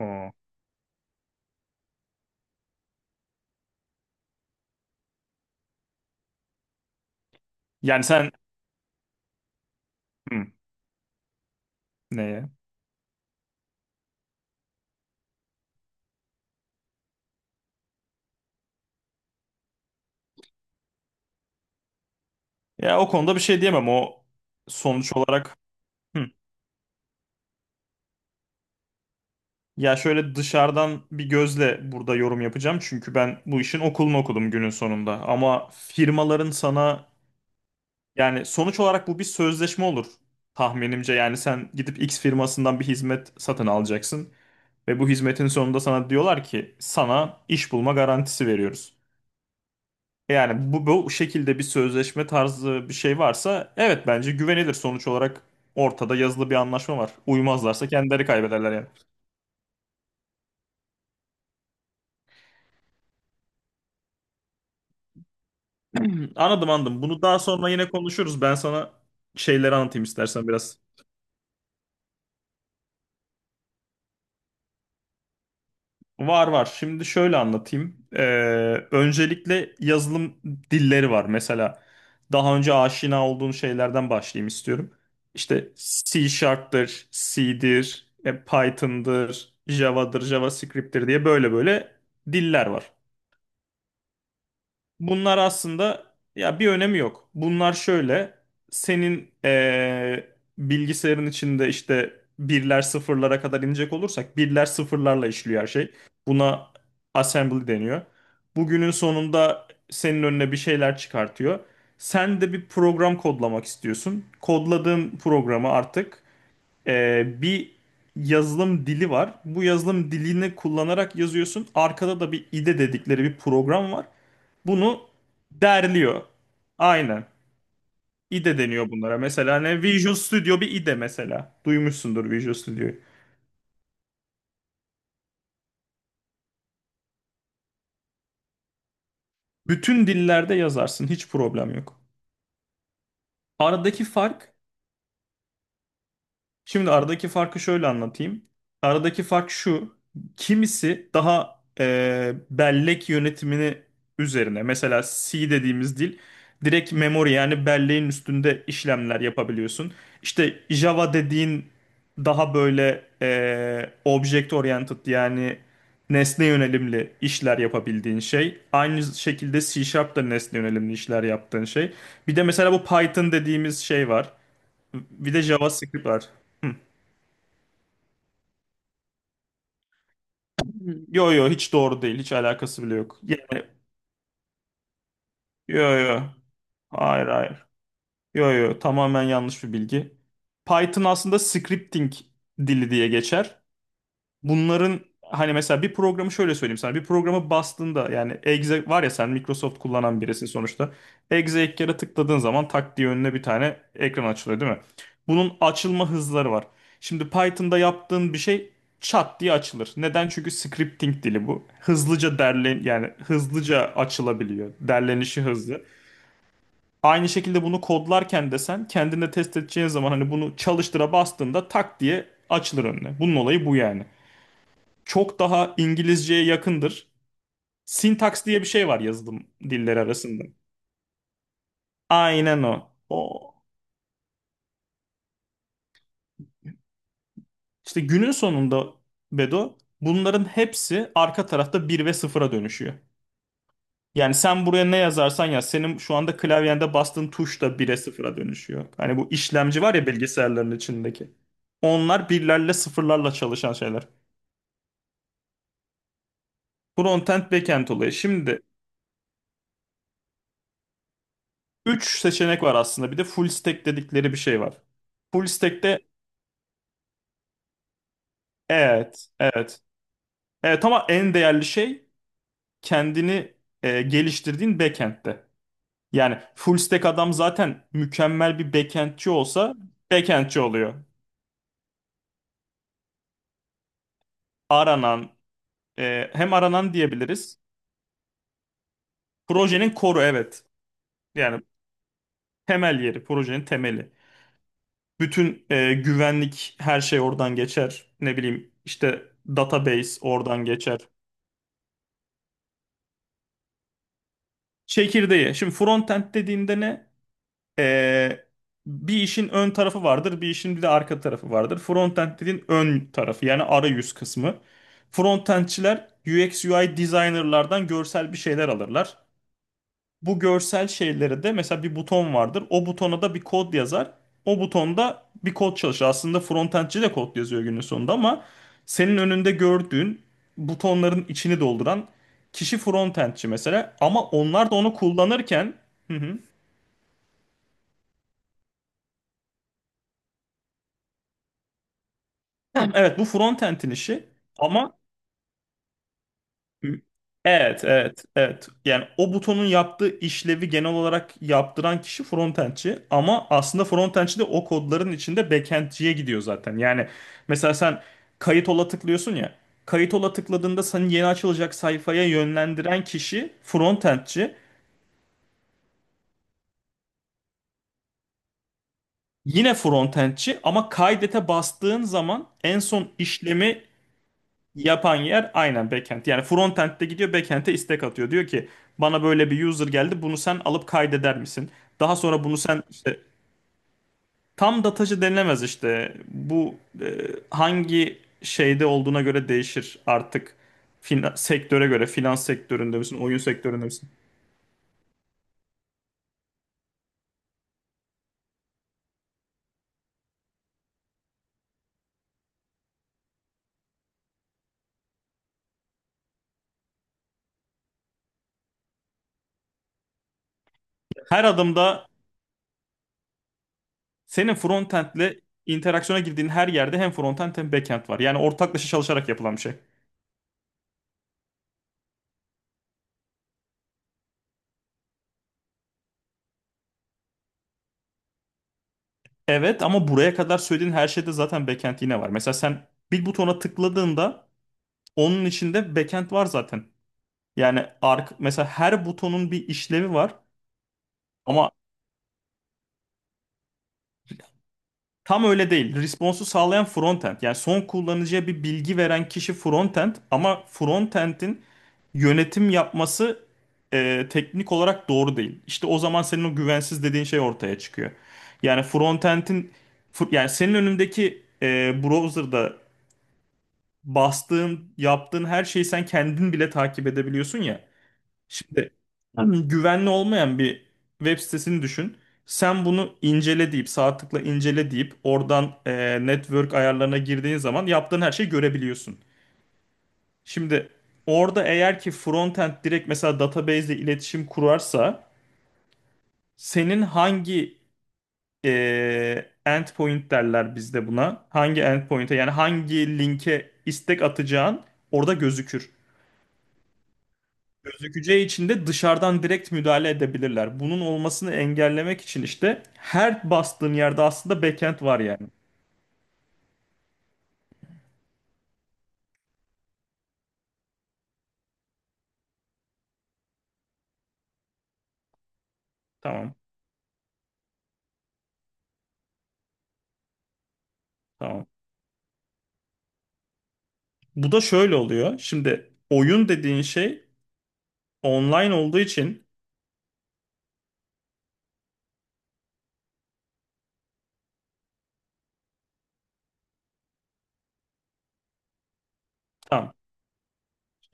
Oo. Yani sen hı, neye? Ya o konuda bir şey diyemem. O sonuç olarak hı. Ya şöyle dışarıdan bir gözle burada yorum yapacağım. Çünkü ben bu işin okulunu okudum günün sonunda. Ama firmaların sana yani sonuç olarak bu bir sözleşme olur tahminimce. Yani sen gidip X firmasından bir hizmet satın alacaksın. Ve bu hizmetin sonunda sana diyorlar ki sana iş bulma garantisi veriyoruz. Yani bu şekilde bir sözleşme tarzı bir şey varsa evet bence güvenilir sonuç olarak ortada yazılı bir anlaşma var. Uymazlarsa kendileri kaybederler yani. Anladım anladım. Bunu daha sonra yine konuşuruz. Ben sana şeyleri anlatayım istersen biraz. Var var. Şimdi şöyle anlatayım. Öncelikle yazılım dilleri var. Mesela daha önce aşina olduğun şeylerden başlayayım istiyorum. İşte C Sharp'tır, C'dir, Python'dır, Java'dır, JavaScript'tir diye böyle böyle diller var. Bunlar aslında ya bir önemi yok. Bunlar şöyle senin bilgisayarın içinde işte birler sıfırlara kadar inecek olursak birler sıfırlarla işliyor her şey. Buna assembly deniyor. Bugünün sonunda senin önüne bir şeyler çıkartıyor. Sen de bir program kodlamak istiyorsun. Kodladığın programı artık bir yazılım dili var. Bu yazılım dilini kullanarak yazıyorsun. Arkada da bir IDE dedikleri bir program var. Bunu derliyor. Aynen. IDE deniyor bunlara. Mesela ne? Visual Studio bir IDE mesela. Duymuşsundur Visual Studio'yu. Bütün dillerde yazarsın. Hiç problem yok. Aradaki fark Şimdi aradaki farkı şöyle anlatayım. Aradaki fark şu. Kimisi daha bellek yönetimini üzerine. Mesela C dediğimiz dil direkt memory yani belleğin üstünde işlemler yapabiliyorsun. İşte Java dediğin daha böyle object oriented yani nesne yönelimli işler yapabildiğin şey. Aynı şekilde C Sharp da nesne yönelimli işler yaptığın şey. Bir de mesela bu Python dediğimiz şey var. Bir de JavaScript var. Hı. Yo yo hiç doğru değil. Hiç alakası bile yok. Yani, yo yo. Hayır hayır. Yo yo tamamen yanlış bir bilgi. Python aslında scripting dili diye geçer. Bunların hani mesela bir programı şöyle söyleyeyim sana. Bir programı bastığında yani Exe var ya sen Microsoft kullanan birisin sonuçta. Exe ilk kere tıkladığın zaman tak diye önüne bir tane ekran açılıyor değil mi? Bunun açılma hızları var. Şimdi Python'da yaptığın bir şey çat diye açılır. Neden? Çünkü scripting dili bu. Hızlıca derlen yani hızlıca açılabiliyor. Derlenişi hızlı. Aynı şekilde bunu kodlarken de sen kendinde test edeceğin zaman hani bunu çalıştıra bastığında tak diye açılır önüne. Bunun olayı bu yani çok daha İngilizceye yakındır. Syntax diye bir şey var yazılım dilleri arasında. Aynen o. İşte günün sonunda Bedo bunların hepsi arka tarafta bir ve sıfıra dönüşüyor. Yani sen buraya ne yazarsan yaz senin şu anda klavyende bastığın tuş da 1'e sıfıra dönüşüyor. Hani bu işlemci var ya bilgisayarların içindeki. Onlar birlerle sıfırlarla çalışan şeyler. Frontend, backend olayı. Şimdi 3 seçenek var aslında. Bir de full stack dedikleri bir şey var. Full stack'te Evet, evet. Evet ama en değerli şey kendini geliştirdiğin backend'te. Yani full stack adam zaten mükemmel bir backendçi olsa backendçi oluyor. Aranan, hem aranan diyebiliriz. Projenin koru evet. Yani temel yeri, projenin temeli. Bütün güvenlik her şey oradan geçer. Ne bileyim işte database oradan geçer. Çekirdeği. Şimdi frontend dediğinde ne? Ee, Bir işin ön tarafı vardır, bir işin bir de arka tarafı vardır. Frontend dediğin ön tarafı yani arayüz kısmı. Frontendçiler UX UI designerlardan görsel bir şeyler alırlar. Bu görsel şeyleri de mesela bir buton vardır. O butona da bir kod yazar. O butonda bir kod çalışır. Aslında frontendçi de kod yazıyor günün sonunda ama senin önünde gördüğün butonların içini dolduran kişi frontendçi mesela. Ama onlar da onu kullanırken Hı hı. Evet bu frontend'in işi ama evet, yani o butonun yaptığı işlevi genel olarak yaptıran kişi frontendçi ama aslında frontendçi de o kodların içinde backendciye gidiyor zaten. Yani mesela sen kayıt ola tıklıyorsun ya kayıt ola tıkladığında seni yeni açılacak sayfaya yönlendiren kişi frontendçi yine frontendçi ama kaydete bastığın zaman en son işlemi yapan yer aynen backend. Yani frontend'de gidiyor backend'e istek atıyor. Diyor ki bana böyle bir user geldi bunu sen alıp kaydeder misin? Daha sonra bunu sen işte tam da taşı denilemez işte. Bu e, hangi şeyde olduğuna göre değişir artık. Sektöre göre finans sektöründe misin, oyun sektöründe misin? Her adımda senin frontend'le interaksiyona girdiğin her yerde hem frontend hem backend var. Yani ortaklaşa çalışarak yapılan bir şey. Evet ama buraya kadar söylediğin her şeyde zaten backend yine var. Mesela sen bir butona tıkladığında onun içinde backend var zaten. Yani ark Mesela her butonun bir işlevi var ama tam öyle değil. Response'u sağlayan frontend. Yani son kullanıcıya bir bilgi veren kişi frontend ama frontend'in yönetim yapması teknik olarak doğru değil. İşte o zaman senin o güvensiz dediğin şey ortaya çıkıyor. Yani yani senin önündeki browser'da bastığın, yaptığın her şeyi sen kendin bile takip edebiliyorsun ya. Şimdi güvenli olmayan bir web sitesini düşün. Sen bunu incele deyip sağ tıkla incele deyip oradan network ayarlarına girdiğin zaman yaptığın her şeyi görebiliyorsun. Şimdi orada eğer ki frontend direkt mesela database ile iletişim kurarsa senin hangi endpoint derler bizde buna hangi endpoint'e yani hangi linke istek atacağın orada gözükür. Gözükeceği için de dışarıdan direkt müdahale edebilirler. Bunun olmasını engellemek için işte her bastığın yerde aslında backend var yani. Tamam, tamam. Bu da şöyle oluyor. Şimdi oyun dediğin şey online olduğu için tamam.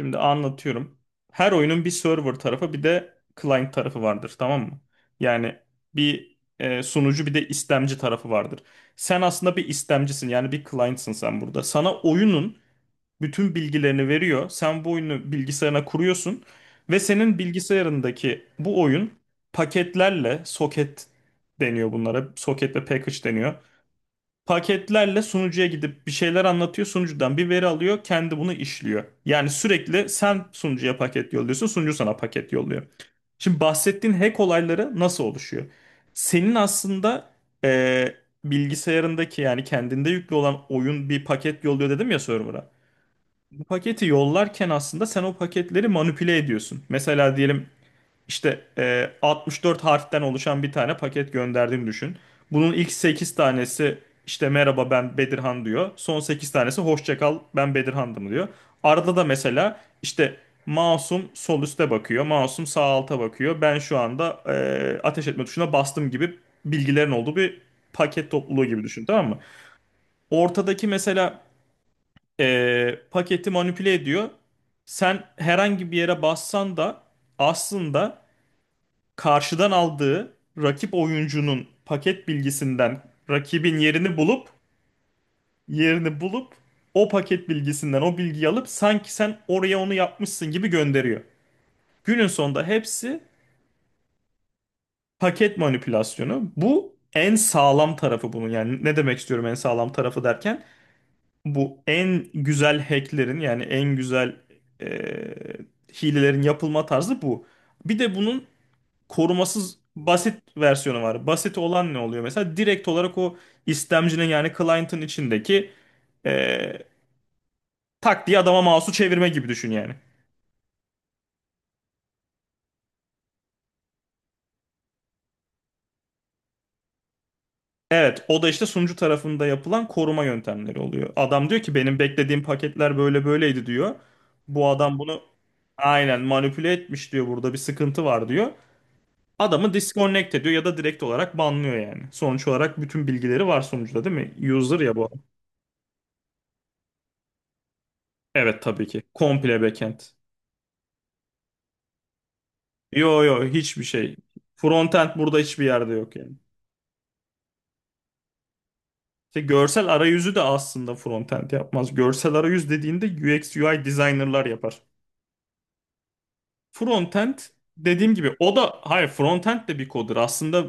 Şimdi anlatıyorum. Her oyunun bir server tarafı bir de client tarafı vardır, tamam mı? Yani bir sunucu bir de istemci tarafı vardır. Sen aslında bir istemcisin yani bir client'sın sen burada. Sana oyunun bütün bilgilerini veriyor. Sen bu oyunu bilgisayarına kuruyorsun ve senin bilgisayarındaki bu oyun paketlerle soket deniyor bunlara. Soket ve package deniyor. Paketlerle sunucuya gidip bir şeyler anlatıyor. Sunucudan bir veri alıyor. Kendi bunu işliyor. Yani sürekli sen sunucuya paket yolluyorsun. Sunucu sana paket yolluyor. Şimdi bahsettiğin hack olayları nasıl oluşuyor? Senin aslında eee, bilgisayarındaki yani kendinde yüklü olan oyun bir paket yolluyor dedim ya server'a. Paketi yollarken aslında sen o paketleri manipüle ediyorsun. Mesela diyelim işte 64 harften oluşan bir tane paket gönderdiğini düşün. Bunun ilk 8 tanesi işte merhaba ben Bedirhan diyor. Son 8 tanesi hoşça kal ben Bedirhan'dım diyor. Arada da mesela işte Masum sol üste bakıyor. Masum sağ alta bakıyor. Ben şu anda ateş etme tuşuna bastım gibi bilgilerin olduğu bir paket topluluğu gibi düşün tamam mı? Ortadaki mesela paketi manipüle ediyor. Sen herhangi bir yere bassan da aslında karşıdan aldığı rakip oyuncunun paket bilgisinden rakibin yerini bulup yerini bulup o paket bilgisinden o bilgiyi alıp sanki sen oraya onu yapmışsın gibi gönderiyor. Günün sonunda hepsi paket manipülasyonu. Bu en sağlam tarafı bunun. Yani ne demek istiyorum en sağlam tarafı derken? Bu en güzel hacklerin yani en güzel eee, hilelerin yapılma tarzı bu. Bir de bunun korumasız basit versiyonu var. Basit olan ne oluyor? Mesela direkt olarak o istemcinin yani client'ın içindeki eee tak diye adama mouse'u çevirme gibi düşün yani. Evet, o da işte sunucu tarafında yapılan koruma yöntemleri oluyor. Adam diyor ki benim beklediğim paketler böyle böyleydi diyor. Bu adam bunu aynen manipüle etmiş diyor. Burada bir sıkıntı var diyor. Adamı disconnect ediyor ya da direkt olarak banlıyor yani. Sonuç olarak bütün bilgileri var sonuçta değil mi? User ya bu. Adam. Evet tabii ki. Komple backend. Yo yo hiçbir şey. Frontend burada hiçbir yerde yok yani. İşte görsel arayüzü de aslında frontend yapmaz. Görsel arayüz dediğinde UX UI designerlar yapar. Frontend dediğim gibi o da hayır frontend de bir koddur. Aslında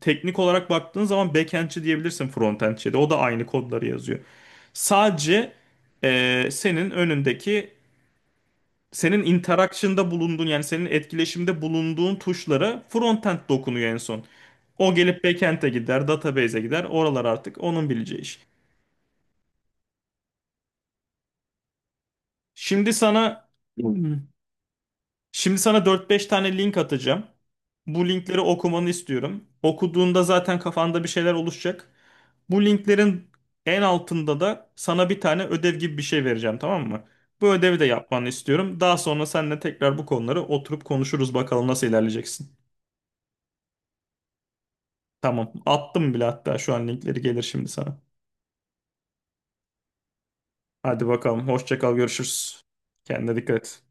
teknik olarak baktığın zaman backendçi diyebilirsin frontendçiye de. O da aynı kodları yazıyor. Sadece senin önündeki senin interaction'da bulunduğun yani senin etkileşimde bulunduğun tuşlara frontend dokunuyor en son. O gelip backend'e gider, database'e gider. Oralar artık onun bileceği iş. Şimdi sana Şimdi sana 4-5 tane link atacağım. Bu linkleri okumanı istiyorum. Okuduğunda zaten kafanda bir şeyler oluşacak. Bu linklerin en altında da sana bir tane ödev gibi bir şey vereceğim, tamam mı? Bu ödevi de yapmanı istiyorum. Daha sonra seninle tekrar bu konuları oturup konuşuruz bakalım nasıl ilerleyeceksin. Tamam. Attım bile hatta şu an linkleri gelir şimdi sana. Hadi bakalım. Hoşça kal. Görüşürüz. Kendine dikkat et.